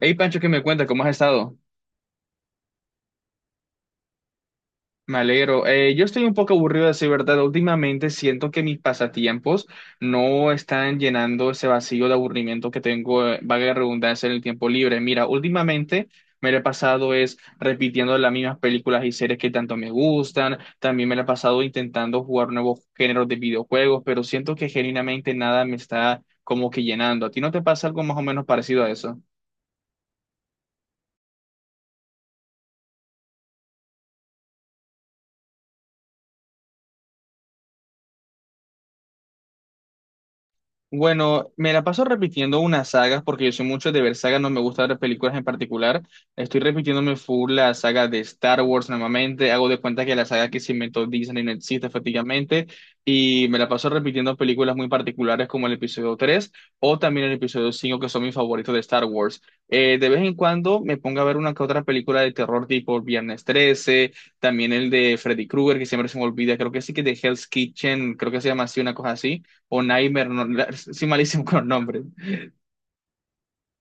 Hey Pancho, ¿qué me cuentas? ¿Cómo has estado? Me alegro. Yo estoy un poco aburrido de decir verdad. Últimamente siento que mis pasatiempos no están llenando ese vacío de aburrimiento que tengo, valga la redundancia, en el tiempo libre. Mira, últimamente me lo he pasado es repitiendo las mismas películas y series que tanto me gustan. También me lo he pasado intentando jugar nuevos géneros de videojuegos, pero siento que genuinamente nada me está como que llenando. ¿A ti no te pasa algo más o menos parecido a eso? Bueno, me la paso repitiendo unas sagas porque yo soy mucho de ver sagas, no me gusta ver películas en particular. Estoy repitiéndome full la saga de Star Wars nuevamente, hago de cuenta que la saga que se inventó Disney no existe efectivamente y me la paso repitiendo películas muy particulares como el episodio 3 o también el episodio 5 que son mis favoritos de Star Wars. De vez en cuando me pongo a ver una que otra película de terror tipo Viernes 13, también el de Freddy Krueger que siempre se me olvida, creo que sí que de Hell's Kitchen, creo que se llama así, una cosa así o Nightmare, no, soy malísimo con los nombres.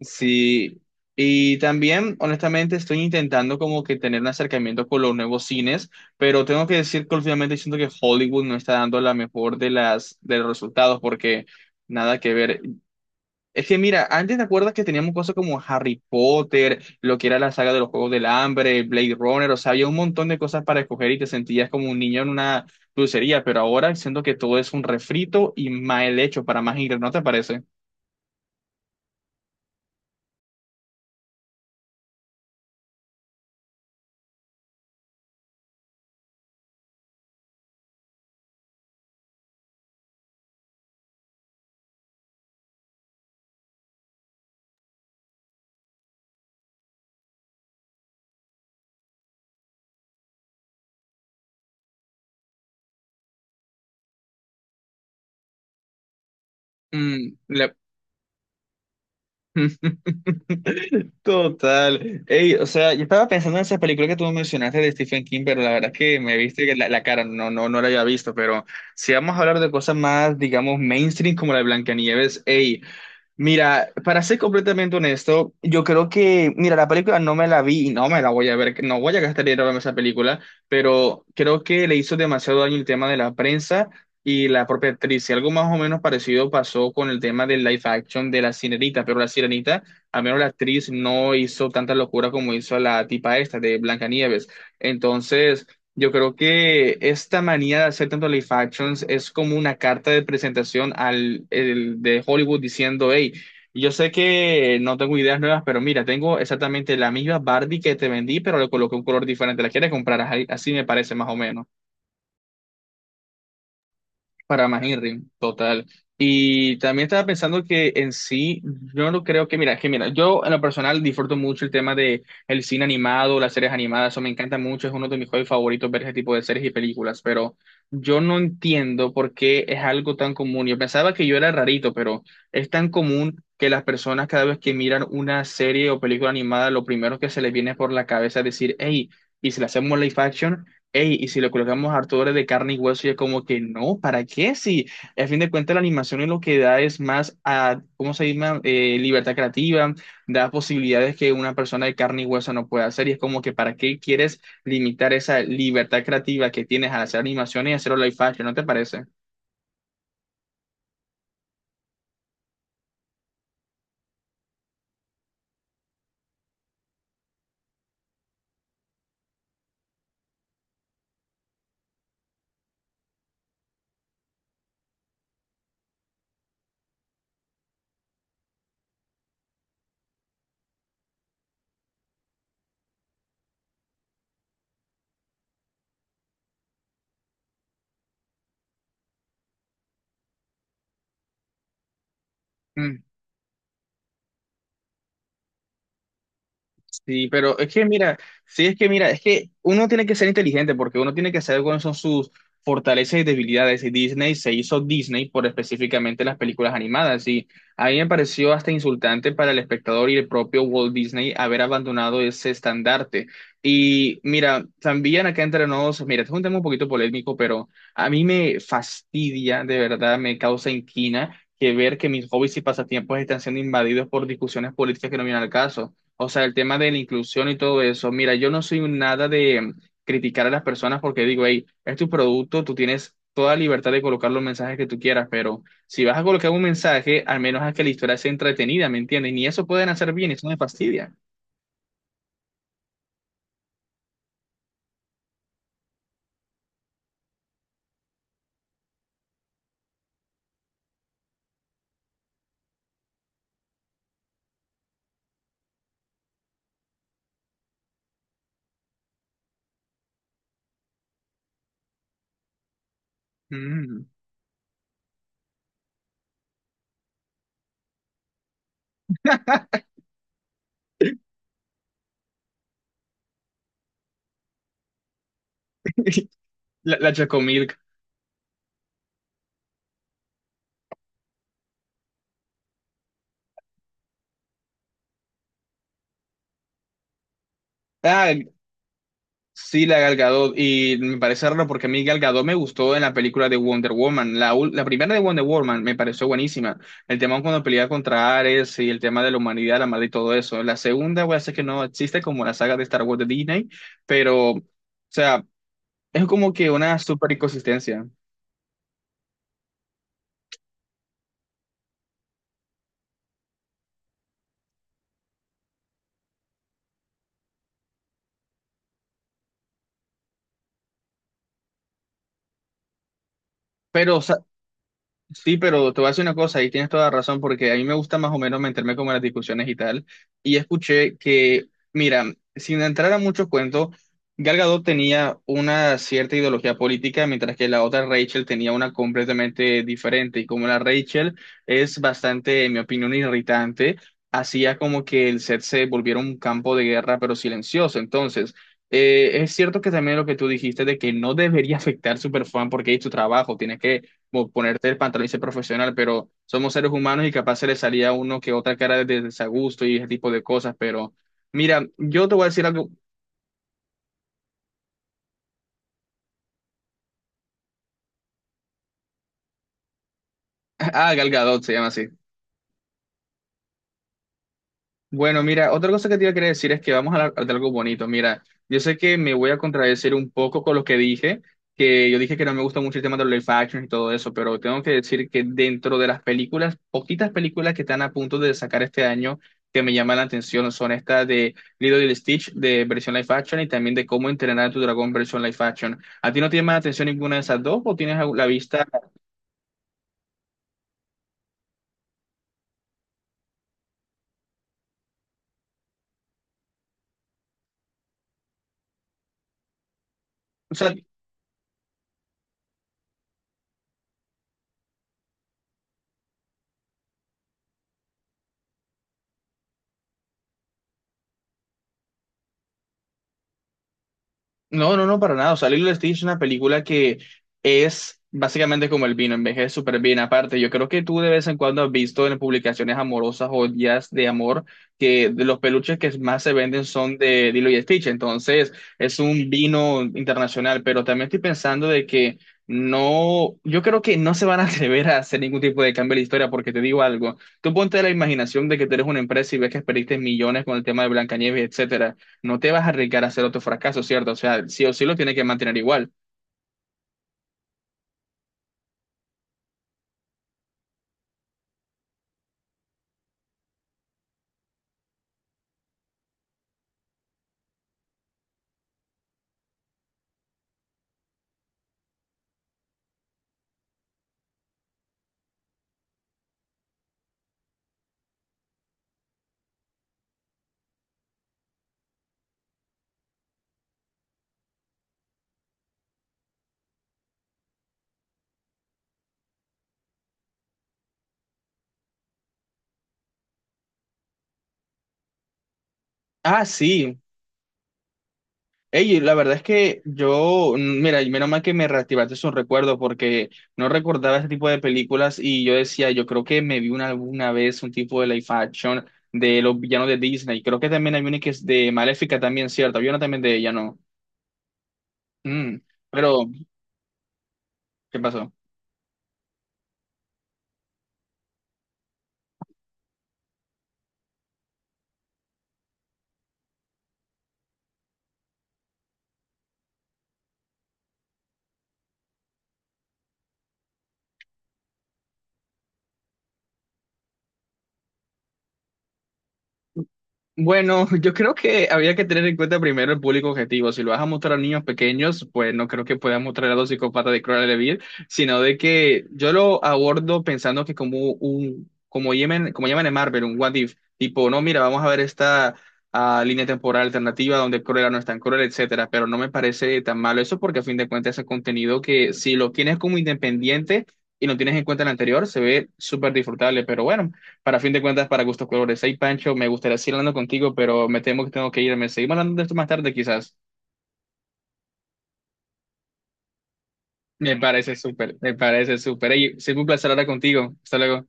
Sí, y también honestamente estoy intentando como que tener un acercamiento con los nuevos cines, pero tengo que decir que últimamente siento que Hollywood no está dando la mejor de las de los resultados porque nada que ver. Es que mira, antes te acuerdas que teníamos cosas como Harry Potter, lo que era la saga de los Juegos del Hambre, Blade Runner, o sea, había un montón de cosas para escoger y te sentías como un niño en una dulcería, pero ahora siento que todo es un refrito y mal hecho para más ingresos, ¿no te parece? Mm, la- Total. Ey, o sea, yo estaba pensando en esa película que tú mencionaste de Stephen King, pero la verdad es que me viste que la cara, no, no, no la había visto, pero si vamos a hablar de cosas más, digamos, mainstream como la de Blancanieves, ey, mira, para ser completamente honesto, yo creo que, mira, la película no me la vi y no me la voy a ver, no voy a gastar dinero en esa película, pero creo que le hizo demasiado daño el tema de la prensa y la propia actriz. Y algo más o menos parecido pasó con el tema del live action de La Sirenita, pero La Sirenita, al menos la actriz no hizo tanta locura como hizo la tipa esta de Blancanieves. Entonces, yo creo que esta manía de hacer tanto live actions es como una carta de presentación de Hollywood diciendo, hey, yo sé que no tengo ideas nuevas, pero mira, tengo exactamente la misma Barbie que te vendí, pero le coloqué un color diferente. ¿La quieres comprar? Así me parece más o menos. Para más Inrim, total. Y también estaba pensando que en sí, yo no creo que, mira, yo en lo personal disfruto mucho el tema de el cine animado, las series animadas, eso me encanta mucho, es uno de mis hobbies favoritos ver ese tipo de series y películas, pero yo no entiendo por qué es algo tan común. Yo pensaba que yo era rarito, pero es tan común que las personas cada vez que miran una serie o película animada, lo primero que se les viene por la cabeza es decir, hey, ¿y si le hacemos live action? Ey, y si le colocamos harto dólares de carne y hueso, y es como que no, ¿para qué? Si a fin de cuentas la animación es lo que da es más a, ¿cómo se llama? Libertad creativa, da posibilidades que una persona de carne y hueso no puede hacer, y es como que ¿para qué quieres limitar esa libertad creativa que tienes al hacer animaciones y hacerlo live action? ¿No te parece? Mm. Sí, pero es que mira, es que uno tiene que ser inteligente porque uno tiene que saber cuáles son sus fortalezas y debilidades. Y Disney se hizo Disney por específicamente las películas animadas. Y a mí me pareció hasta insultante para el espectador y el propio Walt Disney haber abandonado ese estandarte. Y mira, también acá entre nos, mira, este es un tema un poquito polémico, pero a mí me fastidia, de verdad, me causa inquina, que ver que mis hobbies y pasatiempos están siendo invadidos por discusiones políticas que no vienen al caso. O sea, el tema de la inclusión y todo eso. Mira, yo no soy un nada de criticar a las personas porque digo, hey, es tu producto, tú tienes toda libertad de colocar los mensajes que tú quieras, pero si vas a colocar un mensaje, al menos haz que la historia sea entretenida, ¿me entiendes? Ni eso pueden hacer bien, eso me fastidia. Mm. La Chocomilk. Ah, sí, la Gal Gadot, y me parece raro porque a mí Gal Gadot me gustó en la película de Wonder Woman, la, la primera de Wonder Woman me pareció buenísima, el tema cuando pelea contra Ares y el tema de la humanidad, la madre y todo eso, la segunda voy a decir que no existe como la saga de Star Wars de Disney, pero, o sea, es como que una super inconsistencia, pero o sea, sí, pero te voy a decir una cosa, y tienes toda la razón, porque a mí me gusta más o menos meterme como en las discusiones y tal. Y escuché que, mira, sin entrar a muchos cuentos, Gal Gadot tenía una cierta ideología política, mientras que la otra Rachel tenía una completamente diferente. Y como la Rachel es bastante, en mi opinión, irritante, hacía como que el set se volviera un campo de guerra, pero silencioso. Entonces, es cierto que también lo que tú dijiste de que no debería afectar Superfan porque es tu trabajo, tienes que como ponerte el pantalón y ser profesional, pero somos seres humanos y capaz se le salía a uno que otra cara de desagusto y ese tipo de cosas, pero mira, yo te voy a decir algo, ah, Gal Gadot se llama así. Bueno, mira, otra cosa que te iba a querer decir es que vamos a hablar de algo bonito. Mira, yo sé que me voy a contradecir un poco con lo que dije, que yo dije que no me gusta mucho el tema de los live action y todo eso, pero tengo que decir que dentro de las películas, poquitas películas que están a punto de sacar este año que me llaman la atención son estas de Lilo y Stitch de versión live action y también de Cómo entrenar a tu dragón versión live action. ¿A ti no te llama la atención ninguna de esas dos o tienes la vista? No, no, no, para nada. O sea, Lilo y Stitch es una película que es básicamente como el vino, envejece súper bien. Aparte, yo creo que tú de vez en cuando has visto en publicaciones amorosas o días de amor que de los peluches que más se venden son de Lilo y Stitch. Entonces, es un vino internacional, pero también estoy pensando de que no, yo creo que no se van a atrever a hacer ningún tipo de cambio en la historia porque te digo algo. Tú ponte la imaginación de que tú eres una empresa y ves que perdiste millones con el tema de Blancanieves, etcétera. No te vas a arriesgar a hacer otro fracaso, ¿cierto? O sea, sí o sí lo tiene que mantener igual. Ah, sí. Ey, la verdad es que yo, mira, y menos mal que me reactivaste esos recuerdos porque no recordaba ese tipo de películas y yo decía, yo creo que me vi una, alguna vez un tipo de live action de los villanos de Disney. Creo que también hay una que es de Maléfica también, ¿cierto? Había una también de ella, ¿no? Mm, Pero, ¿qué pasó? Bueno, yo creo que habría que tener en cuenta primero el público objetivo. Si lo vas a mostrar a niños pequeños, pues no creo que puedas mostrar a los psicópatas de Cruella de Vil, sino de que yo lo abordo pensando que como un, como llaman en Marvel, un what if, tipo, no, mira, vamos a ver esta línea temporal alternativa donde Cruella no es tan cruel, etcétera, pero no me parece tan malo eso porque a fin de cuentas es contenido que si lo tienes como independiente y no tienes en cuenta el anterior, se ve súper disfrutable, pero bueno. Para fin de cuentas, para gustos colores. Hey, Pancho, me gustaría seguir hablando contigo, pero me temo que tengo que irme. Seguimos hablando de esto más tarde, quizás. Me parece súper, me parece súper. Hey, siempre un placer hablar contigo. Hasta luego.